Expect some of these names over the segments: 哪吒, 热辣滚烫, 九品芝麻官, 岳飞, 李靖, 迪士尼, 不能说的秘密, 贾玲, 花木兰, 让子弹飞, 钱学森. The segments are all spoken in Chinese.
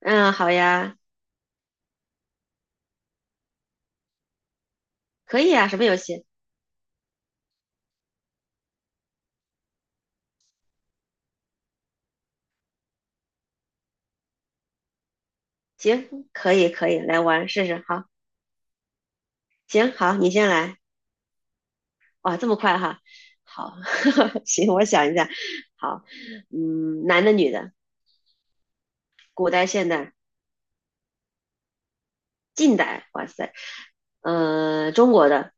嗯，好呀，可以啊，什么游戏？行，可以可以，来玩试试。好，行，好，你先来。哇，这么快哈？好，行，我想一下。好，嗯，男的、女的，古代、现代、近代，哇塞，嗯，中国的，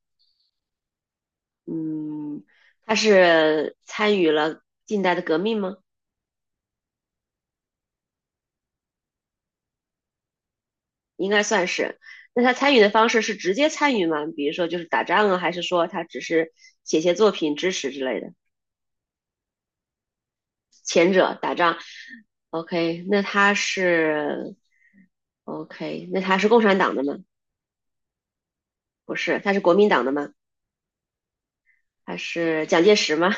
嗯，他是参与了近代的革命吗？应该算是。那他参与的方式是直接参与吗？比如说就是打仗啊，还是说他只是写些作品支持之类的？前者打仗。OK，那他是 OK，那他是共产党的吗？不是，他是国民党的吗？他是蒋介石吗？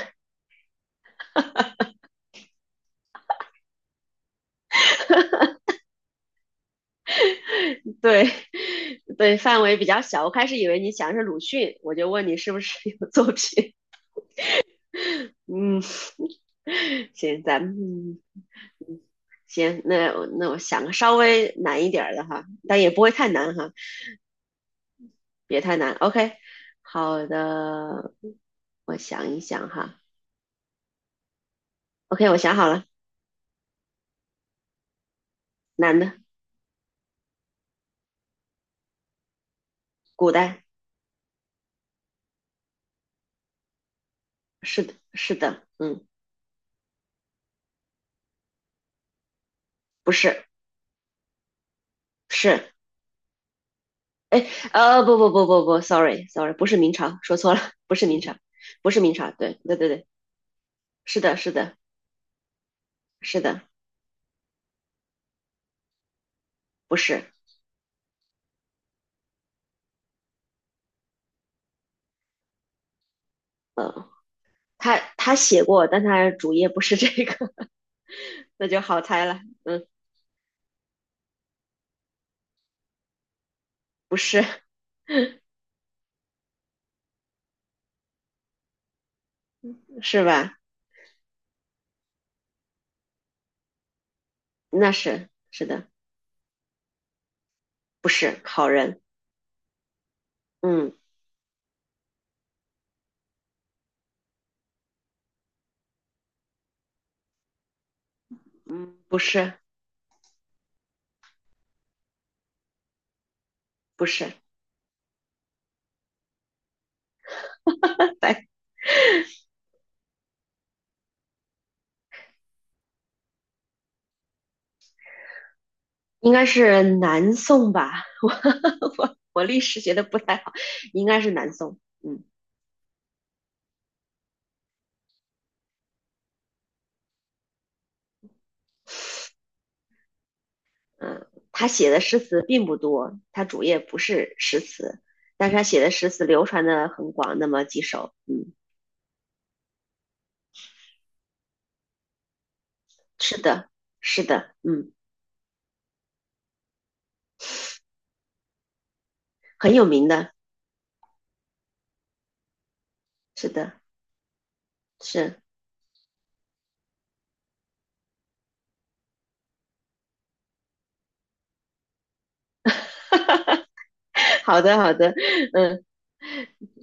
对，对，范围比较小。我开始以为你想的是鲁迅，我就问你是不是有作品。嗯，行，咱们行，那我想个稍微难一点儿的哈，但也不会太难哈，别太难。OK，好的，我想一想哈。OK，我想好了，男的，古代，是的，是的，嗯，不是。是，不不不不不，sorry sorry，不是明朝，说错了，不是明朝，不是明朝，对对对对，是的是的是的，不是，嗯，他写过，但他主页不是这个，那就好猜了，嗯，不是，是吧？那是是的，不是好人，嗯嗯，不是不是，白，应该是南宋吧，我我历史学的不太好，应该是南宋，嗯，嗯，他写的诗词并不多，他主业不是诗词，但是他写的诗词流传的很广，那么几首，嗯，是的，是的，嗯，很有名的，是的，是，好的，好的，嗯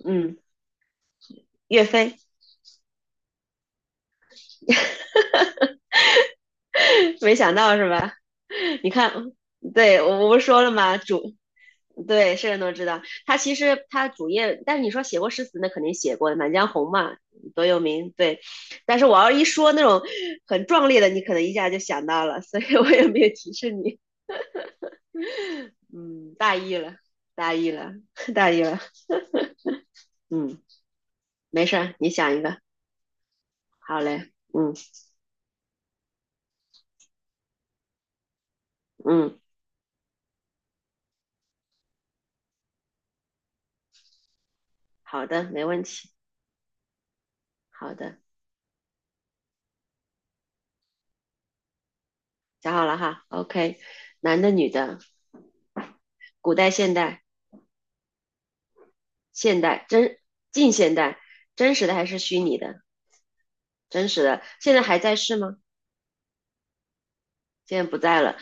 嗯，岳飞，没想到是吧？你看，对，我不是说了吗？对，是人都知道。他其实他主页，但是你说写过诗词，那肯定写过的，《满江红》嘛，多有名。对，但是我要一说那种很壮烈的，你可能一下就想到了，所以我也没有提示你。嗯，大意了，大意了，大意了。嗯，没事儿，你想一个。好嘞，嗯嗯，好的，没问题。好的，想好了哈。OK，男的、女的，古代、现代、现代、真近现代，真实的还是虚拟的？真实的，现在还在世吗？现在不在了。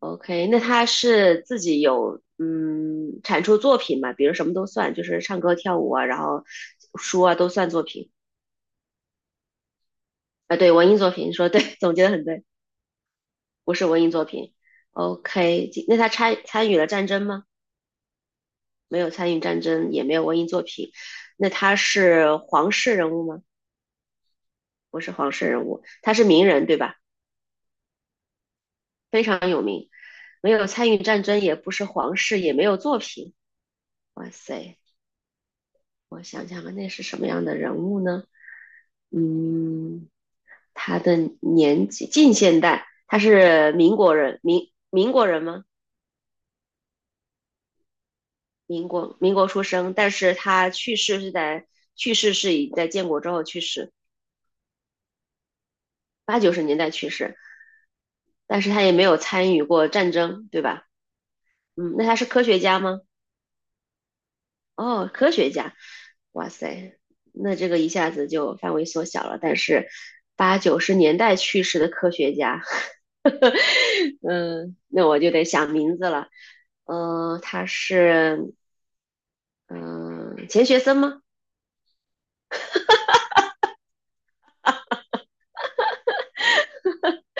OK，那他是自己有产出作品嘛？比如什么都算，就是唱歌、跳舞啊，然后书啊都算作品啊。对，文艺作品，你说对，总结的很对，不是文艺作品。OK，那他参与了战争吗？没有参与战争，也没有文艺作品。那他是皇室人物吗？不是皇室人物，他是名人对吧？非常有名，没有参与战争，也不是皇室，也没有作品。哇塞，我想想啊，那是什么样的人物呢？嗯，他的年纪近现代，他是民国人，民国人吗？民国出生，但是他去世是已在建国之后去世，八九十年代去世，但是他也没有参与过战争，对吧？嗯，那他是科学家吗？哦，科学家，哇塞，那这个一下子就范围缩小了。但是八九十年代去世的科学家，嗯，那我就得想名字了。他是嗯、钱学森吗？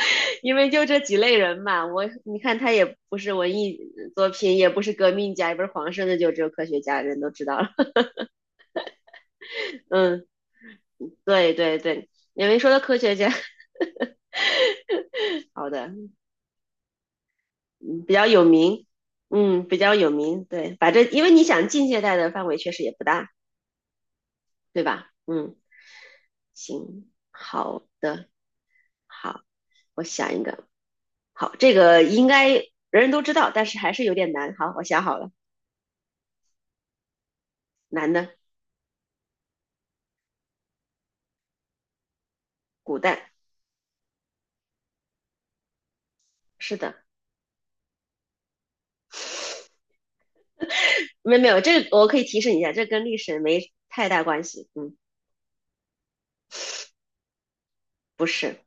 因为就这几类人嘛，你看他也不是文艺作品，也不是革命家，也不是皇上的，就只有科学家，人都知道了。嗯，对对对，因为说到科学家，好的，嗯，比较有名，嗯，比较有名，对，把这，因为你想近现代的范围确实也不大，对吧？嗯，行，好的，好，我想一个，好，这个应该人人都知道，但是还是有点难。好，我想好了，难的，古代，是的，没有没有，这个我可以提示你一下，这跟历史没太大关系。嗯，不是，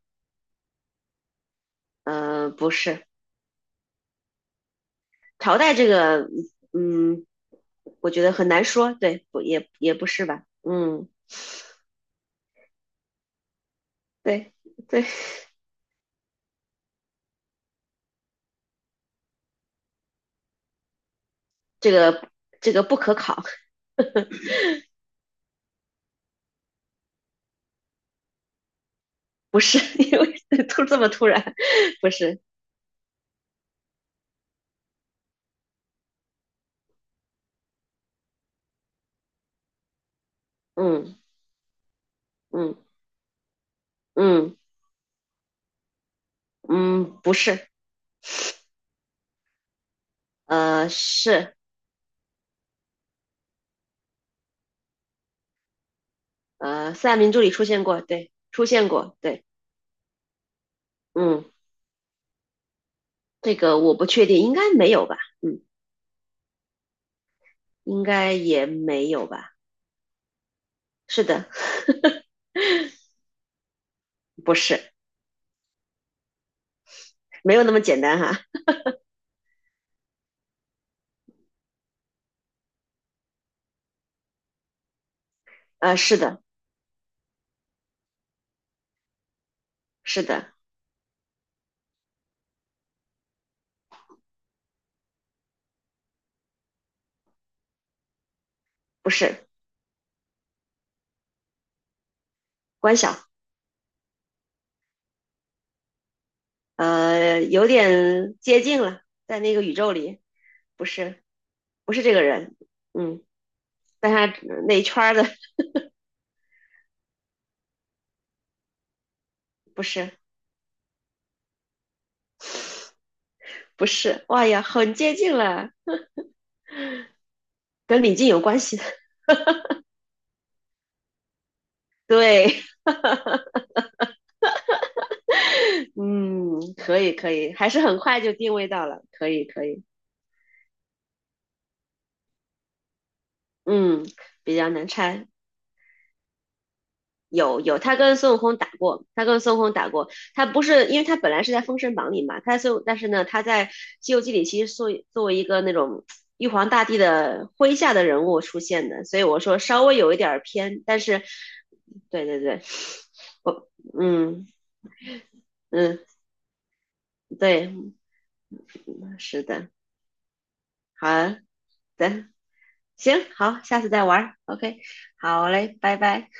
呃，不是，朝代这个，嗯，我觉得很难说，对，不也不是吧？嗯，对对，这个这个不可考，不是，因为这么突然，不是，嗯嗯嗯嗯，不是，是四大名著里出现过，对，出现过，对，嗯，这个我不确定，应该没有吧，嗯，应该也没有吧，是的，不是，没有那么简单哈，呃，是的，是的，不是，关晓，有点接近了，在那个宇宙里，不是，不是这个人，嗯，但他那一圈儿的，不是，不是，哇呀，很接近了，跟李靖有关系的，对，嗯，可以，可以，还是很快就定位到了，可以，可以。嗯，比较难拆。有，他跟孙悟空打过，他跟孙悟空打过。他不是，因为他本来是在《封神榜》里嘛，但是呢，他在《西游记》里其实作为一个那种玉皇大帝的麾下的人物出现的，所以我说稍微有一点儿偏，但是，对对对，我嗯嗯对，是的，好的，行好，下次再玩儿，OK，好嘞，拜拜。